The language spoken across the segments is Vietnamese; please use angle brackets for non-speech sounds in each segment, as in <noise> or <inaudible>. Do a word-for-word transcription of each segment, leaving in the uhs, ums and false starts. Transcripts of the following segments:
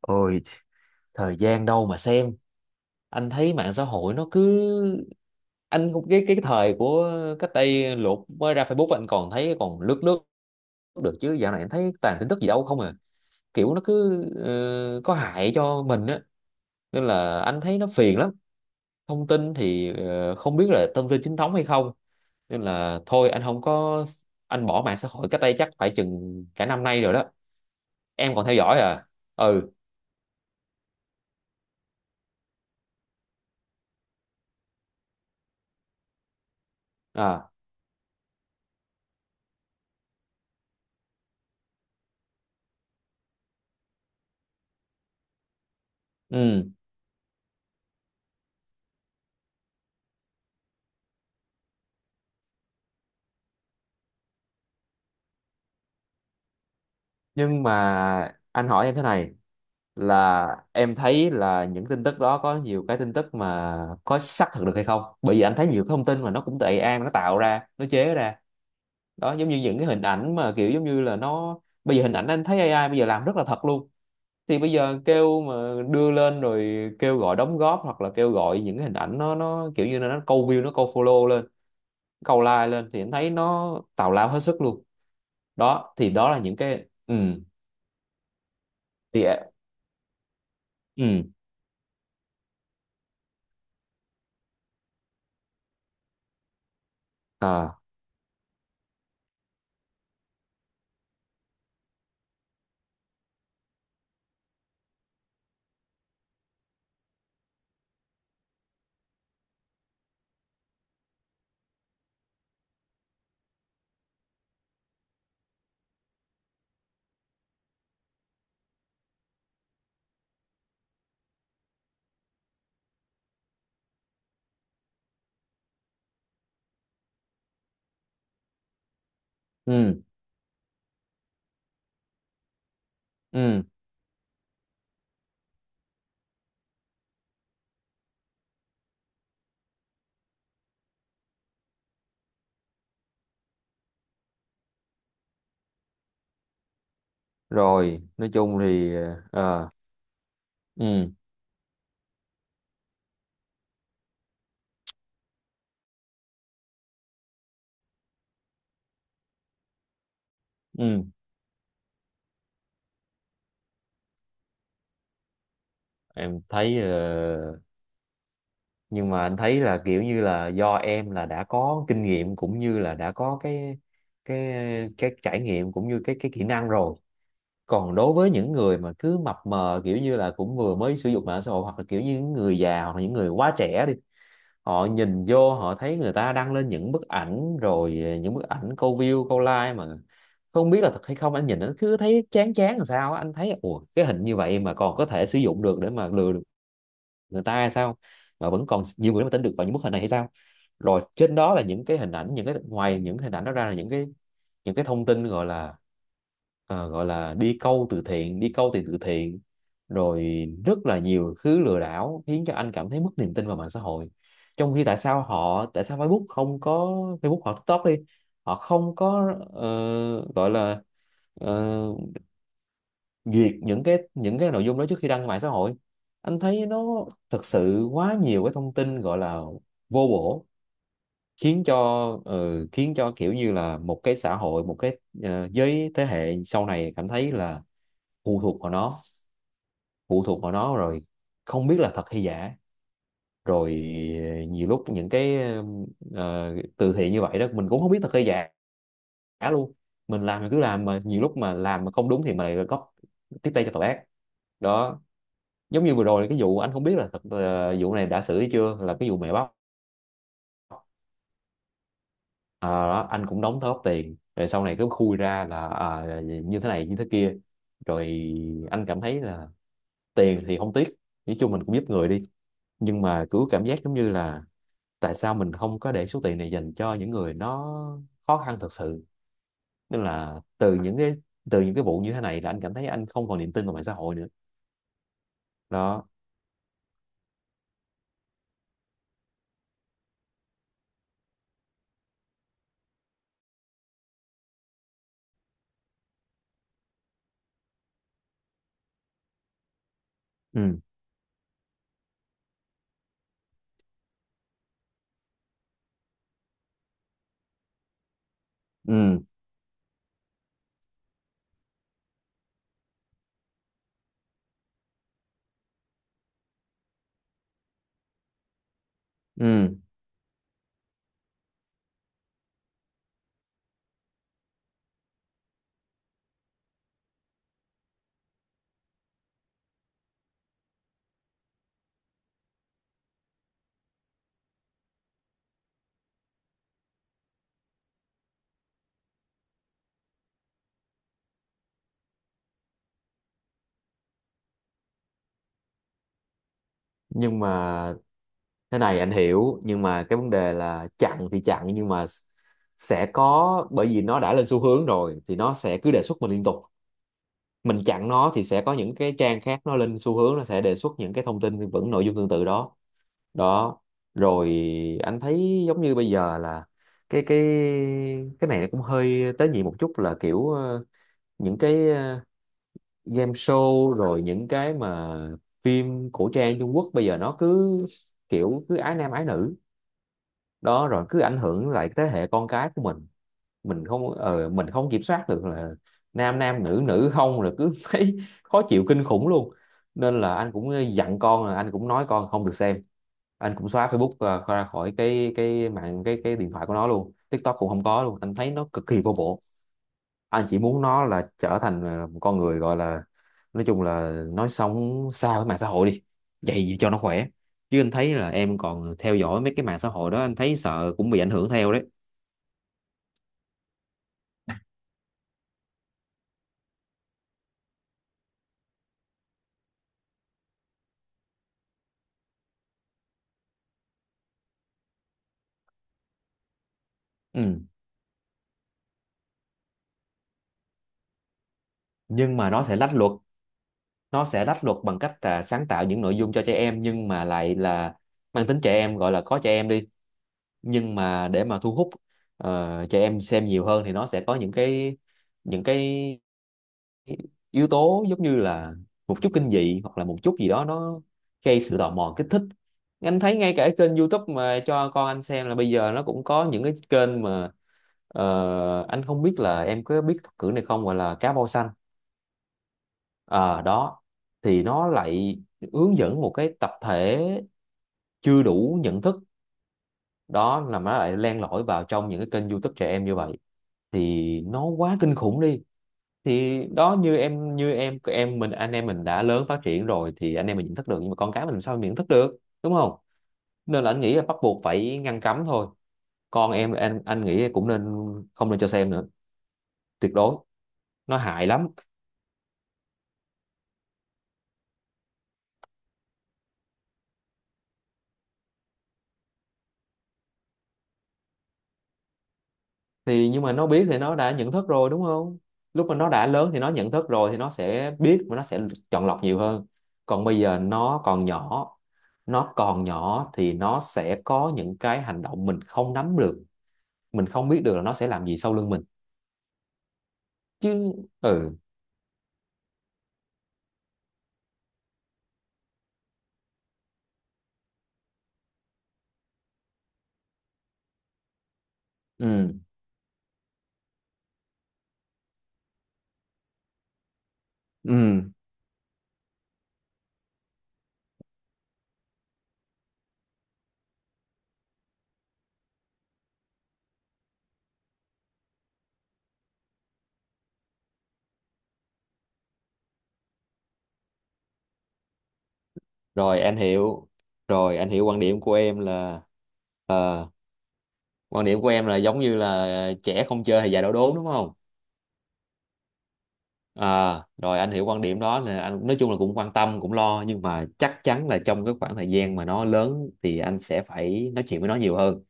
Ôi, thời gian đâu mà xem. Anh thấy mạng xã hội nó cứ... Anh cũng cái cái thời của cách đây lụt mới ra Facebook anh còn thấy còn lướt lướt được, chứ dạo này anh thấy toàn tin tức gì đâu không à. Kiểu nó cứ ờ, có hại cho mình á. Nên là anh thấy nó phiền lắm. Thông tin thì ờ, không biết là thông tin chính thống hay không. Nên là thôi anh không có... Anh bỏ mạng xã hội cách đây chắc phải chừng cả năm nay rồi đó. Em còn theo dõi à? Ừ. À. Ừ. Nhưng mà anh hỏi em thế này, là em thấy là những tin tức đó có nhiều cái tin tức mà có xác thực được hay không, bởi vì anh thấy nhiều cái thông tin mà nó cũng từ A I nó tạo ra nó chế ra đó, giống như những cái hình ảnh mà kiểu giống như là nó bây giờ hình ảnh anh thấy A I bây giờ làm rất là thật luôn. Thì bây giờ kêu mà đưa lên rồi kêu gọi đóng góp hoặc là kêu gọi những cái hình ảnh, nó nó kiểu như là nó câu view nó câu follow lên câu like lên thì anh thấy nó tào lao hết sức luôn đó. Thì đó là những cái. Ừ, thì ừ à. Ừ ừ, rồi nói chung thì ờ, ừ ừ, em thấy ờ, nhưng mà anh thấy là kiểu như là do em là đã có kinh nghiệm cũng như là đã có cái cái cái trải nghiệm cũng như cái cái kỹ năng rồi. Còn đối với những người mà cứ mập mờ kiểu như là cũng vừa mới sử dụng mạng xã hội hoặc là kiểu như những người già hoặc là những người quá trẻ đi, họ nhìn vô họ thấy người ta đăng lên những bức ảnh, rồi ờ, những bức ảnh câu view câu like mà không biết là thật hay không, anh nhìn anh cứ thấy chán chán làm sao á. Anh thấy ủa cái hình như vậy mà còn có thể sử dụng được để mà lừa được người ta hay sao, mà vẫn còn nhiều người mà tin được vào những bức hình này hay sao. Rồi trên đó là những cái hình ảnh, những cái ngoài những hình ảnh đó ra là những cái những cái thông tin gọi là ờ, gọi là đi câu từ thiện đi câu tiền từ thiện, rồi rất là nhiều thứ lừa đảo khiến cho anh cảm thấy mất niềm tin vào mạng xã hội. Trong khi tại sao họ, tại sao Facebook không có, Facebook hoặc TikTok đi, họ không có ờ, gọi là ờ, duyệt những cái những cái nội dung đó trước khi đăng mạng xã hội. Anh thấy nó thật sự quá nhiều cái thông tin gọi là vô bổ, khiến cho ờ, khiến cho kiểu như là một cái xã hội, một cái ờ, giới thế hệ sau này cảm thấy là phụ thuộc vào nó, phụ thuộc vào nó rồi không biết là thật hay giả. Rồi ờ, nhiều lúc những cái ờ, từ thiện như vậy đó mình cũng không biết thật hay giả luôn. Mình làm thì cứ làm, mà nhiều lúc mà làm mà không đúng thì mình lại góp tiếp tay cho tội ác đó. Giống như vừa rồi cái vụ anh không biết là thật, ờ, vụ này đã xử hay chưa, là cái vụ mẹ bắp. Ờ, đó, anh cũng đóng góp tiền rồi sau này cứ khui ra là à, là như thế này như thế kia. Rồi anh cảm thấy là tiền thì không tiếc, nói chung mình cũng giúp người đi, nhưng mà cứ cảm giác giống như là tại sao mình không có để số tiền này dành cho những người nó khó khăn thật sự. Nên là từ những cái, từ những cái vụ như thế này là anh cảm thấy anh không còn niềm tin vào mạng xã hội nữa đó. Ừ, ừ, ừ, nhưng mà thế này, anh hiểu, nhưng mà cái vấn đề là chặn thì chặn, nhưng mà sẽ có, bởi vì nó đã lên xu hướng rồi thì nó sẽ cứ đề xuất mình liên tục, mình chặn nó thì sẽ có những cái trang khác nó lên xu hướng nó sẽ đề xuất những cái thông tin vẫn nội dung tương tự đó. Đó rồi, anh thấy giống như bây giờ là cái cái cái này nó cũng hơi tế nhị một chút, là kiểu ờ, những cái ờ, game show rồi những cái mà phim cổ trang Trung Quốc bây giờ nó cứ kiểu cứ ái nam ái nữ đó, rồi cứ ảnh hưởng lại thế hệ con cái của mình mình không ờ, mình không kiểm soát được là nam nam nữ nữ không, rồi cứ <laughs> thấy khó chịu kinh khủng luôn. Nên là anh cũng dặn con, là anh cũng nói con không được xem, anh cũng xóa Facebook ờ, ra khỏi cái cái mạng cái cái điện thoại của nó luôn, TikTok cũng không có luôn, anh thấy nó cực kỳ vô bổ. Anh chỉ muốn nó là trở thành ờ, một con người gọi là nói chung là nói sống xa với mạng xã hội đi, vậy gì cho nó khỏe. Chứ anh thấy là em còn theo dõi mấy cái mạng xã hội đó, anh thấy sợ cũng bị ảnh hưởng theo đấy. Ừ. Nhưng mà nó sẽ lách luật, nó sẽ lách luật bằng cách là sáng tạo những nội dung cho trẻ em, nhưng mà lại là mang tính trẻ em gọi là có trẻ em đi, nhưng mà để mà thu hút ờ, trẻ em xem nhiều hơn thì nó sẽ có những cái những cái yếu tố giống như là một chút kinh dị hoặc là một chút gì đó nó gây sự tò mò kích thích. Anh thấy ngay cả cái kênh YouTube mà cho con anh xem là bây giờ nó cũng có những cái kênh mà ờ, anh không biết là em có biết thuật ngữ này không, gọi là cá voi xanh. Ờ, đó, thì nó lại hướng dẫn một cái tập thể chưa đủ nhận thức, đó là nó lại len lỏi vào trong những cái kênh YouTube trẻ em như vậy, thì nó quá kinh khủng đi. Thì đó, như em, như em em mình, anh em mình đã lớn phát triển rồi thì anh em mình nhận thức được, nhưng mà con cái mình làm sao mình nhận thức được, đúng không? Nên là anh nghĩ là bắt buộc phải ngăn cấm thôi. Con em, anh anh nghĩ cũng nên không nên cho xem nữa, tuyệt đối, nó hại lắm. Thì nhưng mà nó biết thì nó đã nhận thức rồi, đúng không? Lúc mà nó đã lớn thì nó nhận thức rồi thì nó sẽ biết và nó sẽ chọn lọc nhiều hơn. Còn bây giờ nó còn nhỏ, nó còn nhỏ thì nó sẽ có những cái hành động mình không nắm được, mình không biết được là nó sẽ làm gì sau lưng mình chứ. Ừ, ừ, ừ, rồi anh hiểu, rồi anh hiểu quan điểm của em là ờ, quan điểm của em là giống như là trẻ không chơi thì già đổ đốn, đúng không? À rồi anh hiểu quan điểm đó, là anh nói chung là cũng quan tâm cũng lo, nhưng mà chắc chắn là trong cái khoảng thời gian mà nó lớn thì anh sẽ phải nói chuyện với nó nhiều hơn,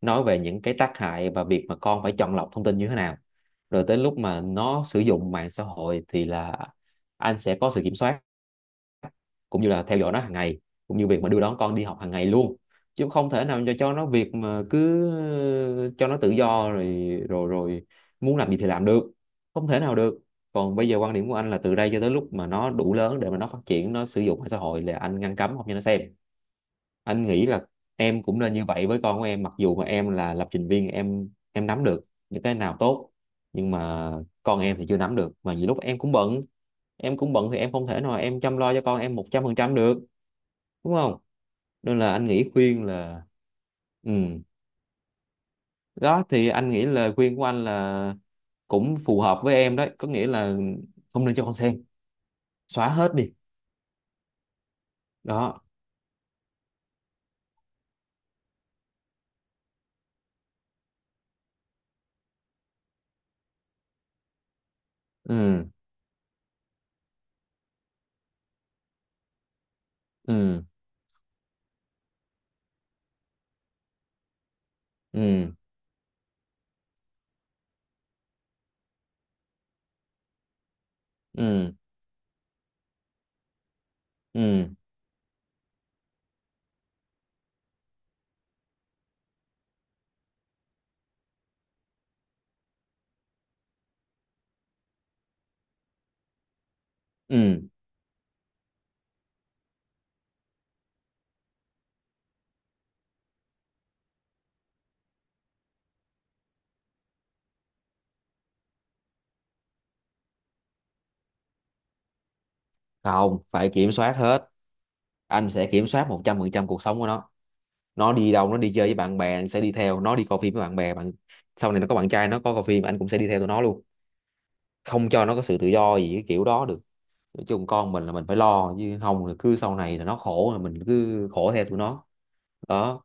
nói về những cái tác hại và việc mà con phải chọn lọc thông tin như thế nào. Rồi tới lúc mà nó sử dụng mạng xã hội thì là anh sẽ có sự kiểm soát, cũng như là theo dõi nó hàng ngày, cũng như việc mà đưa đón con đi học hàng ngày luôn. Chứ không thể nào cho nó việc mà cứ cho nó tự do rồi, rồi rồi muốn làm gì thì làm được, không thể nào được. Còn bây giờ quan điểm của anh là từ đây cho tới lúc mà nó đủ lớn để mà nó phát triển, nó sử dụng mạng xã hội là anh ngăn cấm không cho nó xem. Anh nghĩ là em cũng nên như vậy với con của em, mặc dù mà em là lập trình viên, em em nắm được những cái nào tốt, nhưng mà con em thì chưa nắm được, mà nhiều lúc em cũng bận, em cũng bận thì em không thể nào em chăm lo cho con em một trăm phần trăm được, đúng không? Nên là anh nghĩ khuyên là, ừ, đó thì anh nghĩ lời khuyên của anh là cũng phù hợp với em đấy, có nghĩa là không nên cho con xem, xóa hết đi. Đó. Ừ, ừ, ừ, ừ, ừ, ừ, không phải kiểm soát hết, anh sẽ kiểm soát một trăm phần trăm cuộc sống của nó. Nó đi đâu, nó đi chơi với bạn bè anh sẽ đi theo, nó đi coi phim với bạn bè bạn, sau này nó có bạn trai nó có coi phim anh cũng sẽ đi theo tụi nó luôn, không cho nó có sự tự do gì cái kiểu đó được. Nói chung con mình là mình phải lo, chứ không là cứ sau này là nó khổ là mình cứ khổ theo tụi nó đó.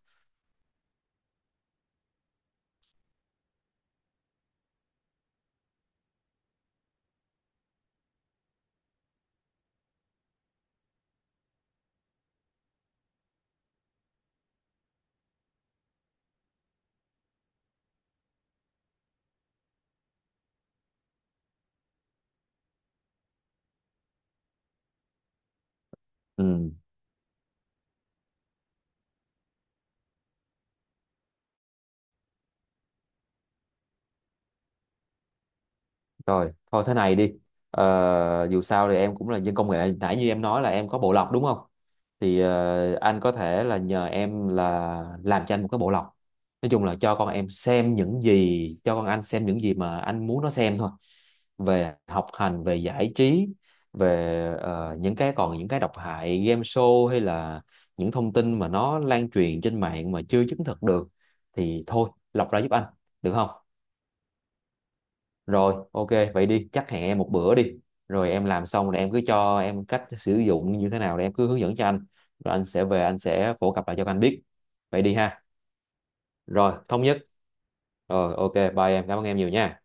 Ừ. Rồi, thôi thế này đi. Ờ, dù sao thì em cũng là dân công nghệ. Nãy như em nói là em có bộ lọc, đúng không? Thì ờ, anh có thể là nhờ em là làm cho anh một cái bộ lọc. Nói chung là cho con em xem những gì, cho con anh xem những gì mà anh muốn nó xem thôi. Về học hành, về giải trí, về ờ, những cái còn những cái độc hại game show hay là những thông tin mà nó lan truyền trên mạng mà chưa chứng thực được thì thôi lọc ra giúp anh, được không? Rồi, ok, vậy đi, chắc hẹn em một bữa đi. Rồi em làm xong rồi em cứ cho em cách sử dụng như thế nào để em cứ hướng dẫn cho anh. Rồi anh sẽ về anh sẽ phổ cập lại cho các anh biết. Vậy đi ha. Rồi, thống nhất. Rồi, ok, bye em, cảm ơn em nhiều nha.